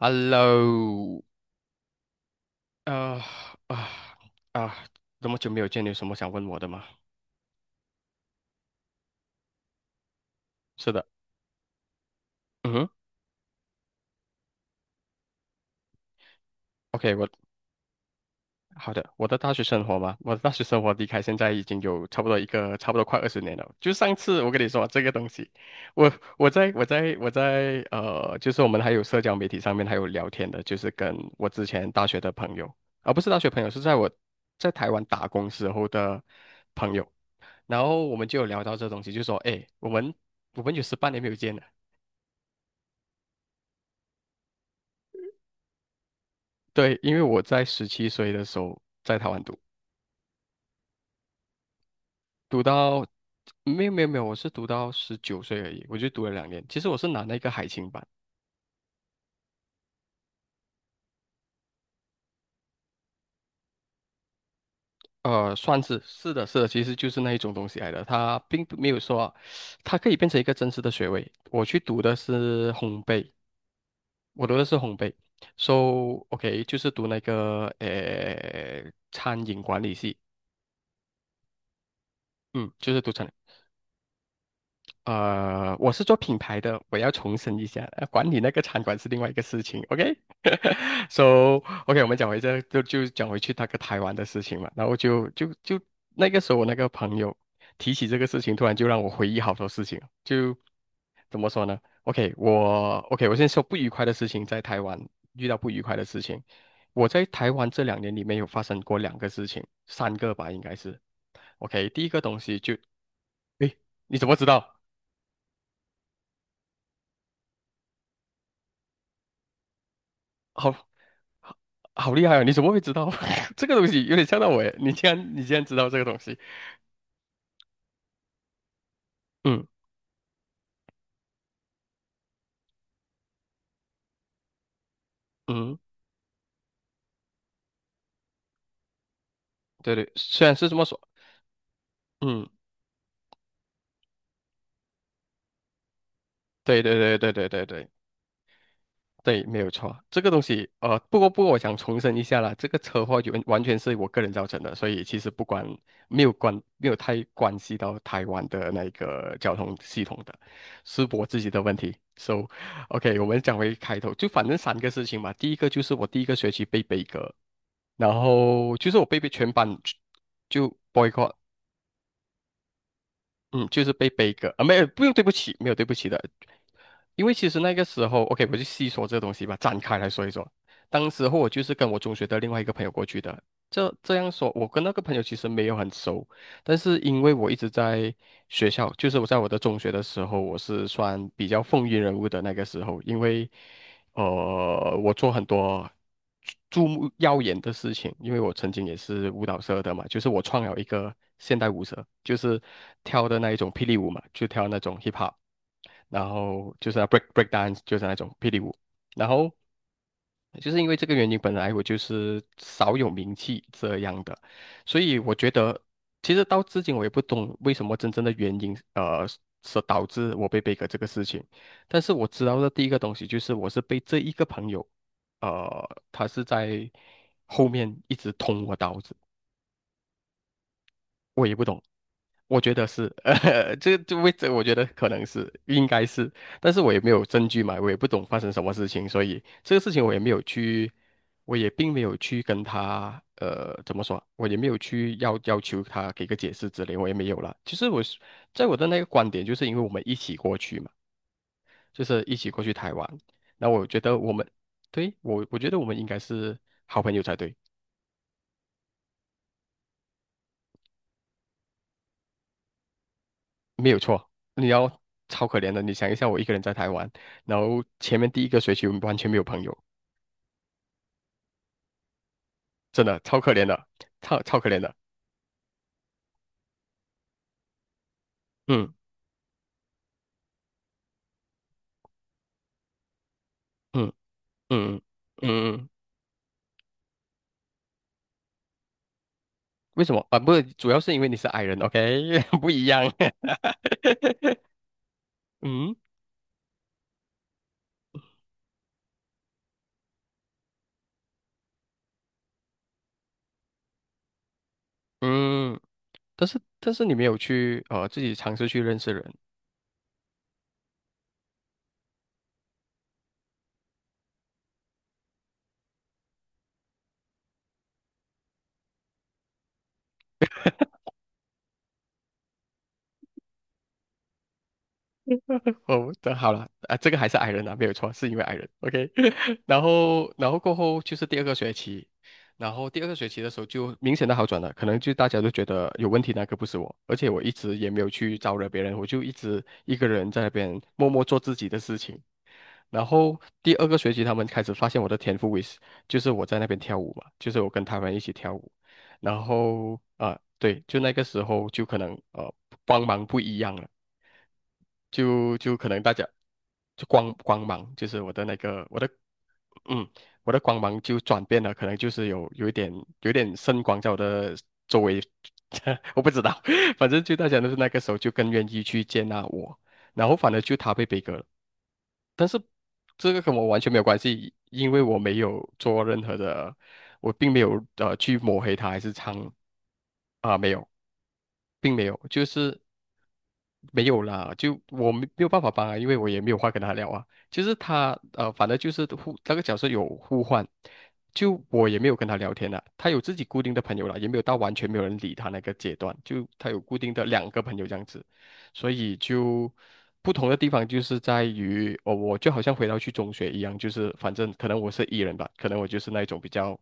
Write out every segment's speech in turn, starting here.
Hello，呃啊啊，这么久没有见，你有什么想问我的吗？是的，嗯哼，OK，好的，我的大学生活嘛，我的大学生活离开现在已经有差不多快20年了。就上次我跟你说这个东西，我我在我在我在呃，就是我们还有社交媒体上面还有聊天的，就是跟我之前大学的朋友，不是大学朋友，是在台湾打工时候的朋友。然后我们就有聊到这东西，就说，哎，我们有18年没有见了。对，因为我在17岁的时候在台湾读，读到没有没有没有，我是读到19岁而已，我就读了两年。其实我是拿那个海青班，算是是的是的，其实就是那一种东西来的。它并不没有说啊，它可以变成一个真实的学位。我去读的是烘焙，我读的是烘焙，so OK，就是读那个餐饮管理系，嗯，就是读餐呃，我是做品牌的，我要重申一下，管理那个餐馆是另外一个事情，OK？So OK，我们讲回这就就讲回去那个台湾的事情嘛，然后就就就那个时候我那个朋友提起这个事情，突然就让我回忆好多事情，就怎么说呢？OK，OK，我先说不愉快的事情，在台湾遇到不愉快的事情，我在台湾这两年里面有发生过两个事情，三个吧应该是。OK，第一个东西就，诶，你怎么知道？好，好厉害啊！你怎么会知道 这个东西？有点吓到我耶！你竟然知道这个东西？嗯嗯，对对，虽然是这么说，嗯，对对对对对对对对，没有错。这个东西，不过，我想重申一下啦，这个车祸完完全是我个人造成的，所以其实不关没有关没有太关系到台湾的那个交通系统的，是我自己的问题。So OK，我们讲回开头，就反正三个事情嘛。第一个就是我第一个学期被悲歌，然后就是我被全班就 boycott，嗯，就是被背一个啊，没有，不用对不起，没有对不起的。因为其实那个时候，OK，我就细说这个东西吧，展开来说一说。当时候我就是跟我中学的另外一个朋友过去的。这样说，我跟那个朋友其实没有很熟，但是因为我一直在学校，就是我在我的中学的时候，我是算比较风云人物的那个时候，因为我做很多注目耀眼的事情，因为我曾经也是舞蹈社的嘛，就是我创了一个现代舞社，就是跳的那一种霹雳舞嘛，就跳那种 hip hop。然后就是 break dance 就是那种霹雳舞，然后就是因为这个原因，本来我就是少有名气这样的，所以我觉得其实到至今我也不懂为什么真正的原因，是导致我被 b 革这个事情，但是我知道的第一个东西就是我是被这一个朋友，他是在后面一直捅我刀子。我也不懂。我觉得是，这位置我觉得可能是应该是，但是我也没有证据嘛，我也不懂发生什么事情，所以这个事情我也并没有去跟他，怎么说啊，我也没有去要求他给个解释之类，我也没有了。其实我是在我的那个观点，就是因为我们一起过去嘛，就是一起过去台湾，那我觉得我们，对，我觉得我们应该是好朋友才对。没有错，你要超可怜的。你想一下，我一个人在台湾，然后前面第一个学期完全没有朋友，真的超可怜的，超超可怜的。嗯嗯嗯嗯嗯，嗯为什么啊？不是，主要是因为你是 i 人，OK，不一样。嗯嗯，但是你没有去自己尝试去认识人。哦，那好了啊，这个还是矮人啊，没有错，是因为矮人。OK，然后过后就是第二个学期。然后第二个学期的时候就明显的好转了，可能就大家都觉得有问题那个不是我，而且我一直也没有去招惹别人，我就一直一个人在那边默默做自己的事情。然后第二个学期，他们开始发现我的天赋为是，就是我在那边跳舞嘛，就是我跟他们一起跳舞，然后啊、对，就那个时候就可能帮忙不一样了。就可能大家就光芒，就是我的那个我的，嗯，我的光芒就转变了，可能就是有一点圣光在我的周围，我不知道，反正就大家都是那个时候就更愿意去接纳我，然后反而就他被悲歌了，但是这个跟我完全没有关系，因为我没有做任何的，我并没有去抹黑他还是没有，并没有，就是。没有啦，就我没有办法帮啊，因为我也没有话跟他聊啊。就是他反正就是那个角色有互换，就我也没有跟他聊天了。他有自己固定的朋友了，也没有到完全没有人理他那个阶段，就他有固定的两个朋友这样子，所以就不同的地方就是在于，哦，我就好像回到去中学一样，就是反正可能我是 E 人吧，可能我就是那一种比较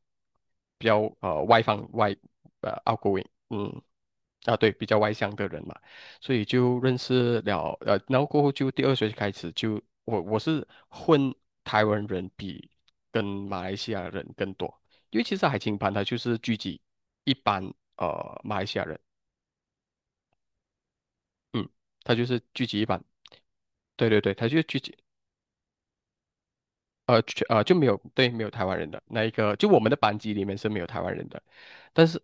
比较呃外放外呃 outgoing，嗯啊对，比较外向的人嘛。所以就认识了，然后过后就第二学期开始就我是混台湾人比跟马来西亚人更多，因为其实海青班它就是聚集一班马来西亚人，嗯，它就是聚集一班，对对对，它就聚集呃全呃就没有对没有台湾人的那一个，就我们的班级里面是没有台湾人的，但是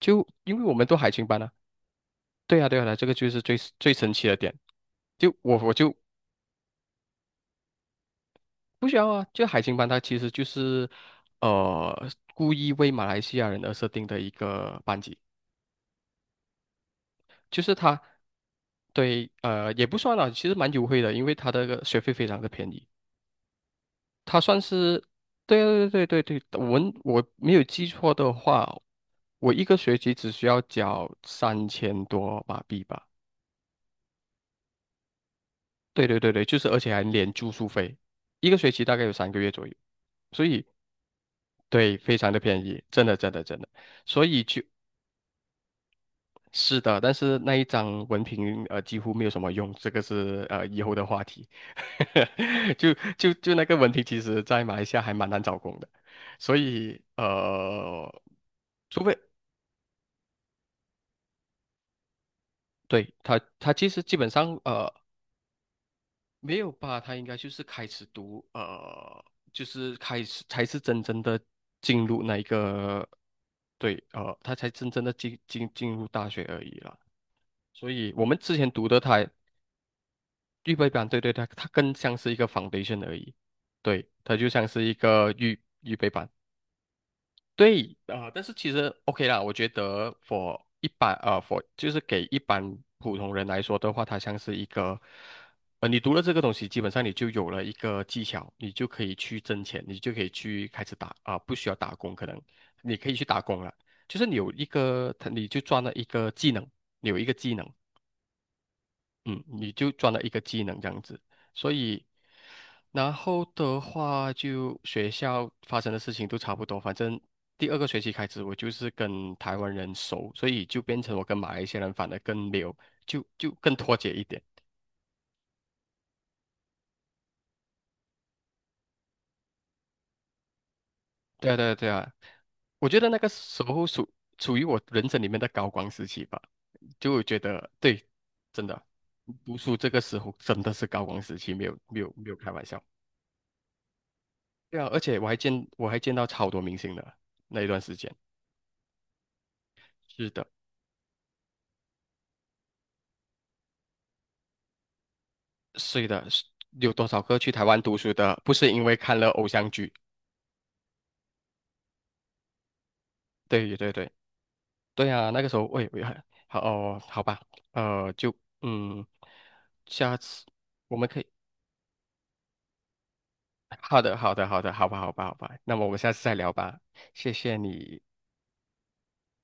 就因为我们都海青班啊，对啊对啊，对啊这个就是最神奇的点。就我就不需要啊，就海星班它其实就是呃故意为马来西亚人而设定的一个班级，就是对也不算啦，其实蛮优惠的，因为它的个学费非常的便宜，它算是对对对对对。我没有记错的话，我一个学期只需要交3000多马币吧。对对对对，就是而且还连住宿费，一个学期大概有3个月左右。所以对非常的便宜，真的真的真的。所以就是的，但是那一张文凭几乎没有什么用，这个是以后的话题。就那个文凭，其实在马来西亚还蛮难找工的，所以除非对他其实基本上没有吧，他应该就是开始读就是开始才是真正的进入那一个对他才真正的进入大学而已啦。所以我们之前读的他。预备班，对对，它更像是一个 foundation 而已，对，它就像是一个预备班，对啊、但是其实 OK 啦，我觉得 for 就是给一般普通人来说的话，它像是一个，你读了这个东西，基本上你就有了一个技巧，你就可以去挣钱，你就可以去开始打啊、呃不需要打工，可能你可以去打工了，你就赚了一个技能，你有一个技能。嗯，你就赚了一个技能这样子，所以，然后的话就学校发生的事情都差不多，反正第二个学期开始我就是跟台湾人熟，所以就变成我跟马来西亚人反而更没有，就更脱节一点。对啊，对啊，对啊，我觉得那个时候属于我人生里面的高光时期吧，就我觉得对，真的，读书这个时候真的是高光时期，没有没有没有开玩笑。对啊，而且我还见到超多明星的那一段时间。是的，是的，是有多少个去台湾读书的，不是因为看了偶像剧？对对对对啊，那个时候喂喂。好哦，好吧，就嗯，下次我们可以。好的好的好的，好吧好吧好吧，那么我们下次再聊吧，谢谢你。